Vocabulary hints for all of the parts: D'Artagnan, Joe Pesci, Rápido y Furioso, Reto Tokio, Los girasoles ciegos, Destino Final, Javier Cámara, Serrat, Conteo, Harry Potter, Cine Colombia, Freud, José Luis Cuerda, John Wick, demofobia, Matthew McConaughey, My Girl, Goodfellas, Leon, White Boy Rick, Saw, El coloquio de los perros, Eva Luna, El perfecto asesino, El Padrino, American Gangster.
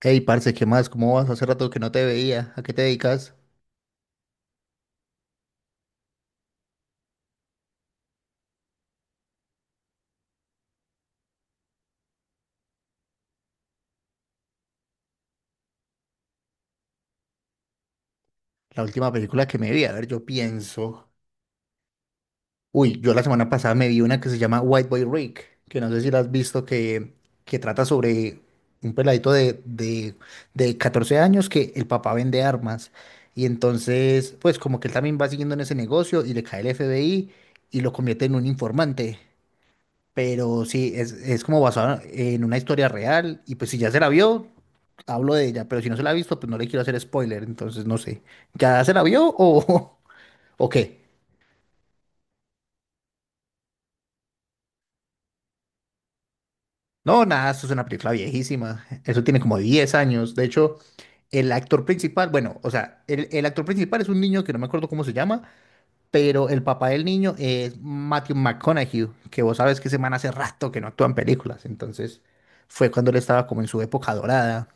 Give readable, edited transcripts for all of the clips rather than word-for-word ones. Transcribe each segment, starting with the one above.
Hey, parce, ¿qué más? ¿Cómo vas? Hace rato que no te veía. ¿A qué te dedicas? La última película que me vi, a ver, yo pienso. Uy, yo la semana pasada me vi una que se llama White Boy Rick, que no sé si la has visto, que trata sobre un peladito de de 14 años que el papá vende armas. Y entonces, pues como que él también va siguiendo en ese negocio y le cae el FBI y lo convierte en un informante. Pero sí, es como basado en una historia real. Y pues si ya se la vio, hablo de ella. Pero si no se la ha visto, pues no le quiero hacer spoiler. Entonces no sé. ¿Ya se la vio o, o qué? No, nada, esto es una película viejísima. Eso tiene como 10 años. De hecho, el actor principal, bueno, o sea, el actor principal es un niño que no me acuerdo cómo se llama, pero el papá del niño es Matthew McConaughey, que vos sabes que ese man hace rato que no actúa en películas. Entonces fue cuando él estaba como en su época dorada.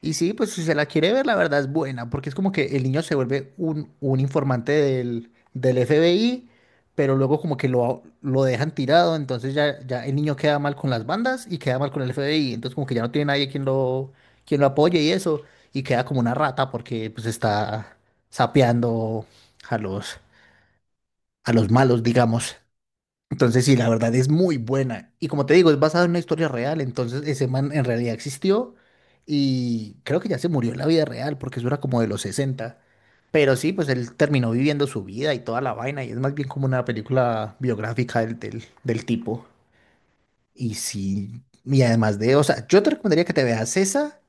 Y sí, pues si se la quiere ver, la verdad es buena, porque es como que el niño se vuelve un informante del FBI, pero luego como que lo dejan tirado, entonces ya, ya el niño queda mal con las bandas y queda mal con el FBI, entonces como que ya no tiene nadie quien lo apoye y eso, y queda como una rata porque pues está sapeando a los, a los malos, digamos. Entonces, sí, la verdad es muy buena. Y como te digo, es basada en una historia real. Entonces, ese man en realidad existió y creo que ya se murió en la vida real porque eso era como de los sesenta. Pero sí, pues él terminó viviendo su vida y toda la vaina y es más bien como una película biográfica del tipo. Y sí, y además de, o sea, yo te recomendaría que te veas esa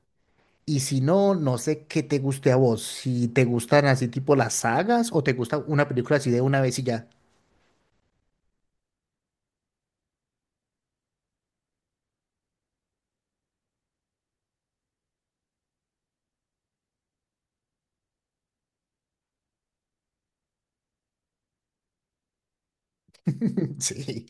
y si no, no sé qué te guste a vos. Si te gustan así tipo las sagas o te gusta una película así de una vez y ya. Sí.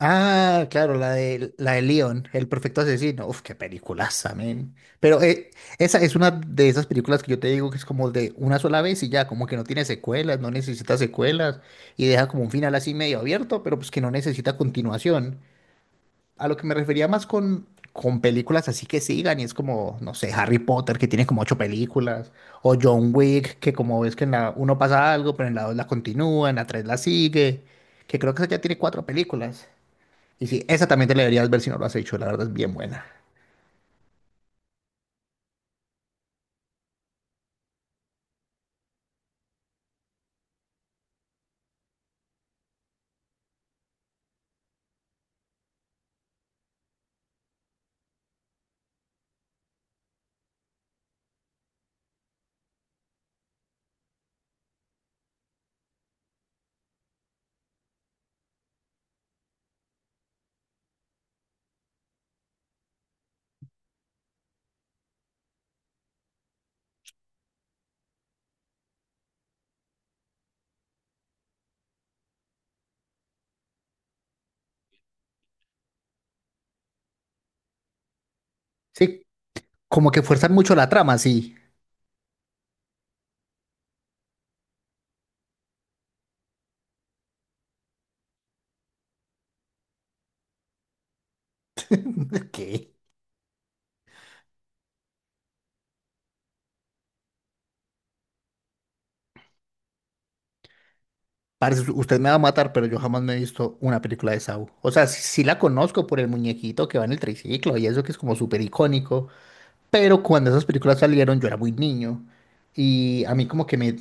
Ah, claro, la de Leon, El perfecto asesino. Uf, qué peliculaza, men. Pero esa es una de esas películas que yo te digo que es como de una sola vez y ya, como que no tiene secuelas, no necesita secuelas y deja como un final así medio abierto, pero pues que no necesita continuación. A lo que me refería más con películas así que sigan y es como, no sé, Harry Potter que tiene como 8 películas o John Wick que como ves que en la uno pasa algo, pero en la dos la continúa, en la tres la sigue, que creo que esa ya tiene 4 películas. Y sí, esa también te la deberías ver si no lo has hecho, la verdad es bien buena. Sí, como que fuerzan mucho la trama, sí. ¿Qué? Parce, usted me va a matar, pero yo jamás me he visto una película de Saw. O sea, sí, sí la conozco por el muñequito que va en el triciclo y eso que es como súper icónico, pero cuando esas películas salieron yo era muy niño y a mí como que me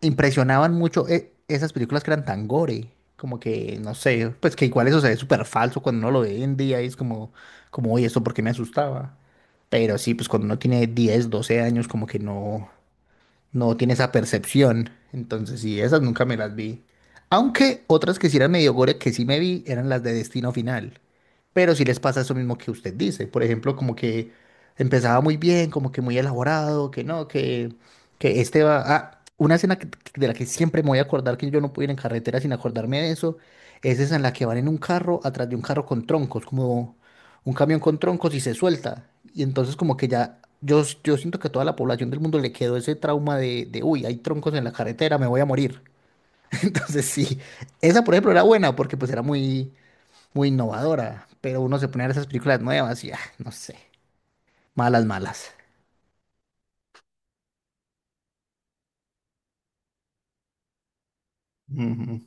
impresionaban mucho esas películas que eran tan gore, como que, no sé, pues que igual eso se ve súper falso cuando uno lo ve hoy en día y es como, oye, ¿esto por qué me asustaba? Pero sí, pues cuando uno tiene 10 12 años, como que no, no tiene esa percepción. Entonces, sí, esas nunca me las vi. Aunque otras que sí eran medio gore que sí me vi eran las de Destino Final. Pero sí les pasa eso mismo que usted dice. Por ejemplo, como que empezaba muy bien, como que muy elaborado, que no, que este va... Ah, una escena de la que siempre me voy a acordar, que yo no puedo ir en carretera sin acordarme de eso, es esa en la que van en un carro atrás de un carro con troncos, como un camión con troncos y se suelta. Y entonces como que ya, yo siento que a toda la población del mundo le quedó ese trauma de, uy, hay troncos en la carretera, me voy a morir. Entonces sí, esa por ejemplo era buena porque pues era muy, muy innovadora, pero uno se pone a ver esas películas nuevas y ah, no sé, malas, malas. Ujú.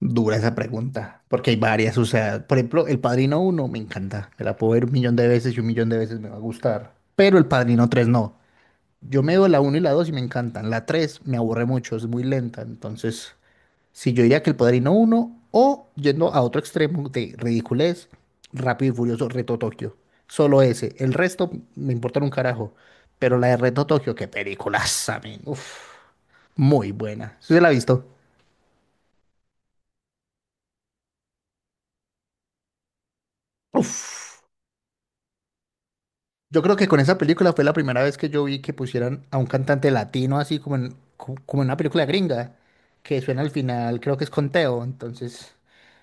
Dura esa pregunta, porque hay varias, o sea, por ejemplo, El Padrino uno me encanta, me la puedo ver un millón de veces y un millón de veces me va a gustar, pero El Padrino 3 no. Yo me veo la uno y la 2 y me encantan. La 3 me aburre mucho, es muy lenta. Entonces, si yo diría que El Padrino uno o yendo a otro extremo de ridiculez, Rápido y Furioso, Reto Tokio. Solo ese. El resto me importa un carajo. Pero la de Reto Tokio, qué peliculaza, men. Uf, muy buena. ¿Sí se la ha visto? Uf. Yo creo que con esa película fue la primera vez que yo vi que pusieran a un cantante latino así como en una película gringa, que suena al final, creo que es Conteo, entonces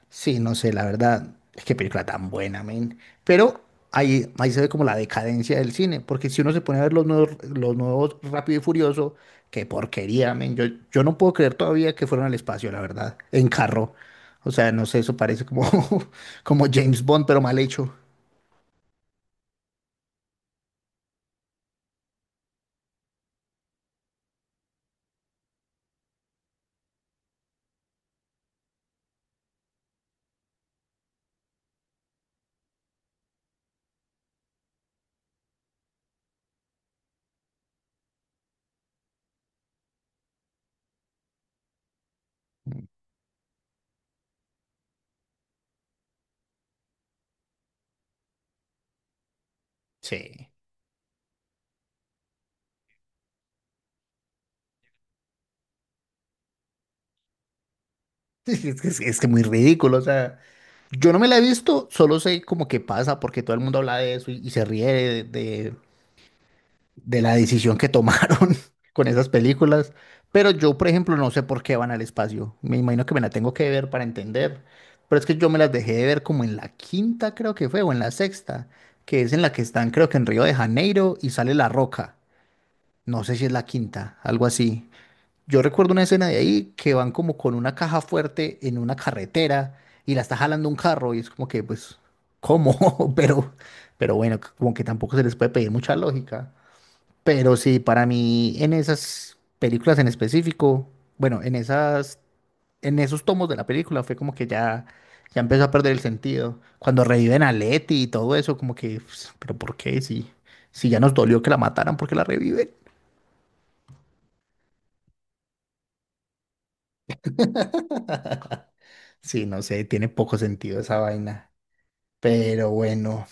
sí, no sé, la verdad, es que película tan buena, men. Pero ahí se ve como la decadencia del cine, porque si uno se pone a ver los nuevos Rápido y Furioso, qué porquería, men. Yo no puedo creer todavía que fueron al espacio, la verdad, en carro. O sea, no sé, eso parece como, como James Bond, pero mal hecho. Sí. Es que, es que muy ridículo, o sea. Yo no me la he visto, solo sé como que pasa, porque todo el mundo habla de eso y se ríe de, de- de la decisión que tomaron con esas películas. Pero yo, por ejemplo, no sé por qué van al espacio. Me imagino que me la tengo que ver para entender. Pero es que yo me las dejé de ver como en la quinta, creo que fue, o en la sexta, que es en la que están, creo que en Río de Janeiro y sale La Roca. No sé si es la quinta, algo así. Yo recuerdo una escena de ahí que van como con una caja fuerte en una carretera y la está jalando un carro y es como que, pues, ¿cómo? Pero, bueno, como que tampoco se les puede pedir mucha lógica. Pero sí, para mí, en esas películas en específico, bueno, en esos tomos de la película fue como que ya, ya empezó a perder el sentido. Cuando reviven a Letty y todo eso, como que, pues, pero ¿por qué? Si, si ya nos dolió que la mataran, ¿por qué la reviven? Sí, no sé, tiene poco sentido esa vaina. Pero bueno.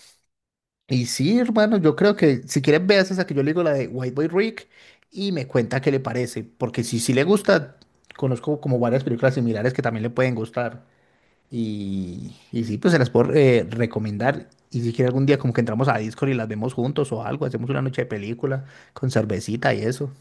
Y sí, hermano, yo creo que si quieres veas esa que yo le digo, la de White Boy Rick, y me cuenta qué le parece. Porque si sí le gusta, conozco como varias películas similares que también le pueden gustar. Y sí, pues se las puedo recomendar. Y si quiere algún día como que entramos a Discord y las vemos juntos o algo, hacemos una noche de película con cervecita y eso.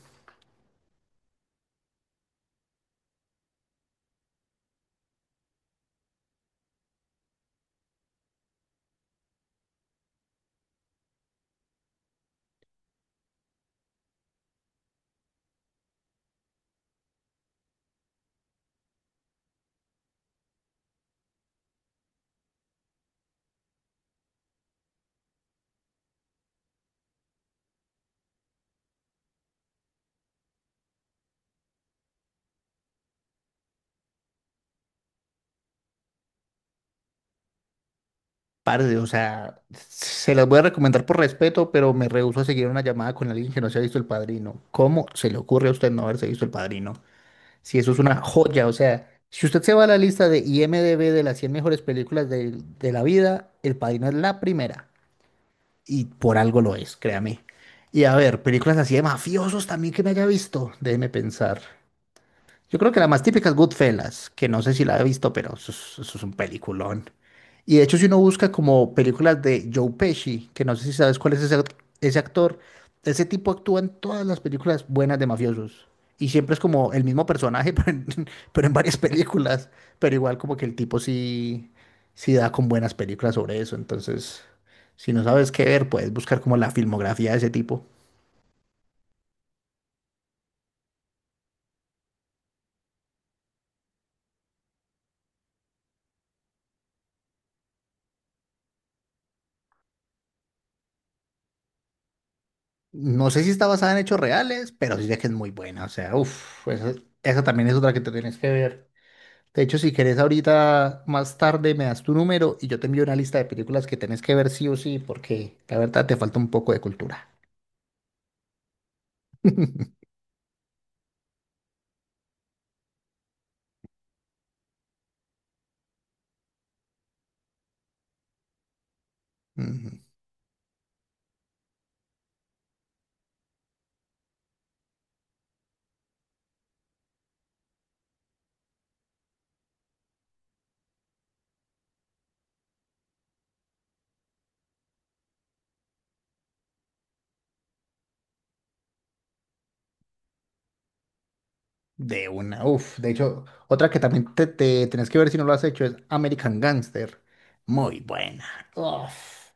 Parce, o sea, se las voy a recomendar por respeto, pero me rehúso a seguir una llamada con alguien que no se ha visto El Padrino. ¿Cómo se le ocurre a usted no haberse visto El Padrino? Si eso es una joya, o sea, si usted se va a la lista de IMDb de las 100 mejores películas de la vida, El Padrino es la primera. Y por algo lo es, créame. Y a ver, películas así de mafiosos también que me haya visto, déjeme pensar. Yo creo que la más típica es Goodfellas, que no sé si la he visto, pero eso es un peliculón. Y de hecho, si uno busca como películas de Joe Pesci, que no sé si sabes cuál es ese actor, ese tipo actúa en todas las películas buenas de mafiosos. Y siempre es como el mismo personaje, pero en varias películas. Pero igual como que el tipo sí, sí da con buenas películas sobre eso. Entonces, si no sabes qué ver, puedes buscar como la filmografía de ese tipo. No sé si está basada en hechos reales, pero sí sé que es muy buena. O sea, uff, esa también es otra que te tienes que ver. De hecho, si querés ahorita más tarde me das tu número y yo te envío una lista de películas que tenés que ver sí o sí, porque la verdad te falta un poco de cultura. Ujú. De una, uff. De hecho, otra que también te tenés que ver si no lo has hecho es American Gangster. Muy buena. Uff.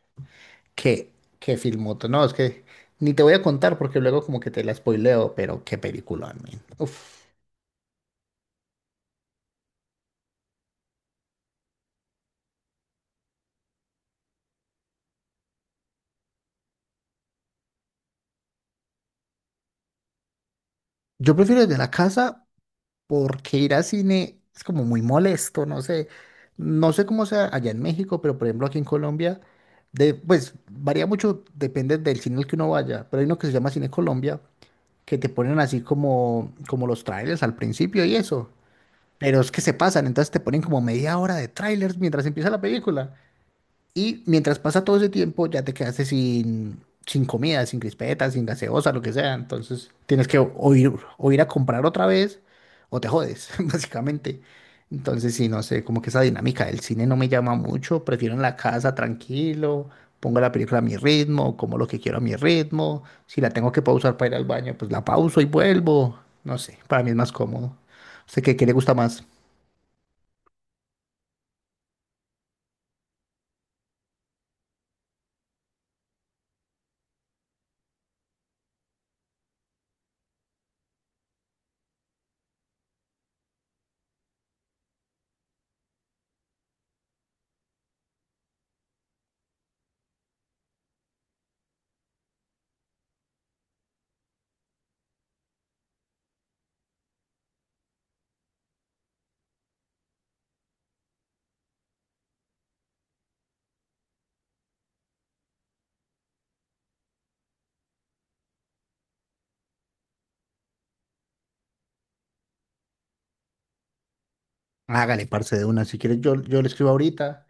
Qué, qué filmoto. No, es que ni te voy a contar porque luego como que te la spoileo, pero qué película, man. Uf. Yo prefiero desde la casa porque ir al cine es como muy molesto, no sé. No sé cómo sea allá en México, pero por ejemplo aquí en Colombia, pues varía mucho, depende del cine al que uno vaya, pero hay uno que se llama Cine Colombia, que te ponen así como, los trailers al principio y eso. Pero es que se pasan, entonces te ponen como media hora de trailers mientras empieza la película. Y mientras pasa todo ese tiempo, ya te quedaste sin, comida, sin crispetas, sin gaseosa, lo que sea. Entonces tienes que o ir a comprar otra vez o te jodes, básicamente. Entonces, sí, no sé, como que esa dinámica del cine no me llama mucho. Prefiero en la casa tranquilo, pongo la película a mi ritmo, como lo que quiero a mi ritmo. Si la tengo que pausar para ir al baño, pues la pauso y vuelvo. No sé, para mí es más cómodo. Sé que, ¿qué le gusta más? Hágale, parce de una. Si quieres, yo le escribo ahorita.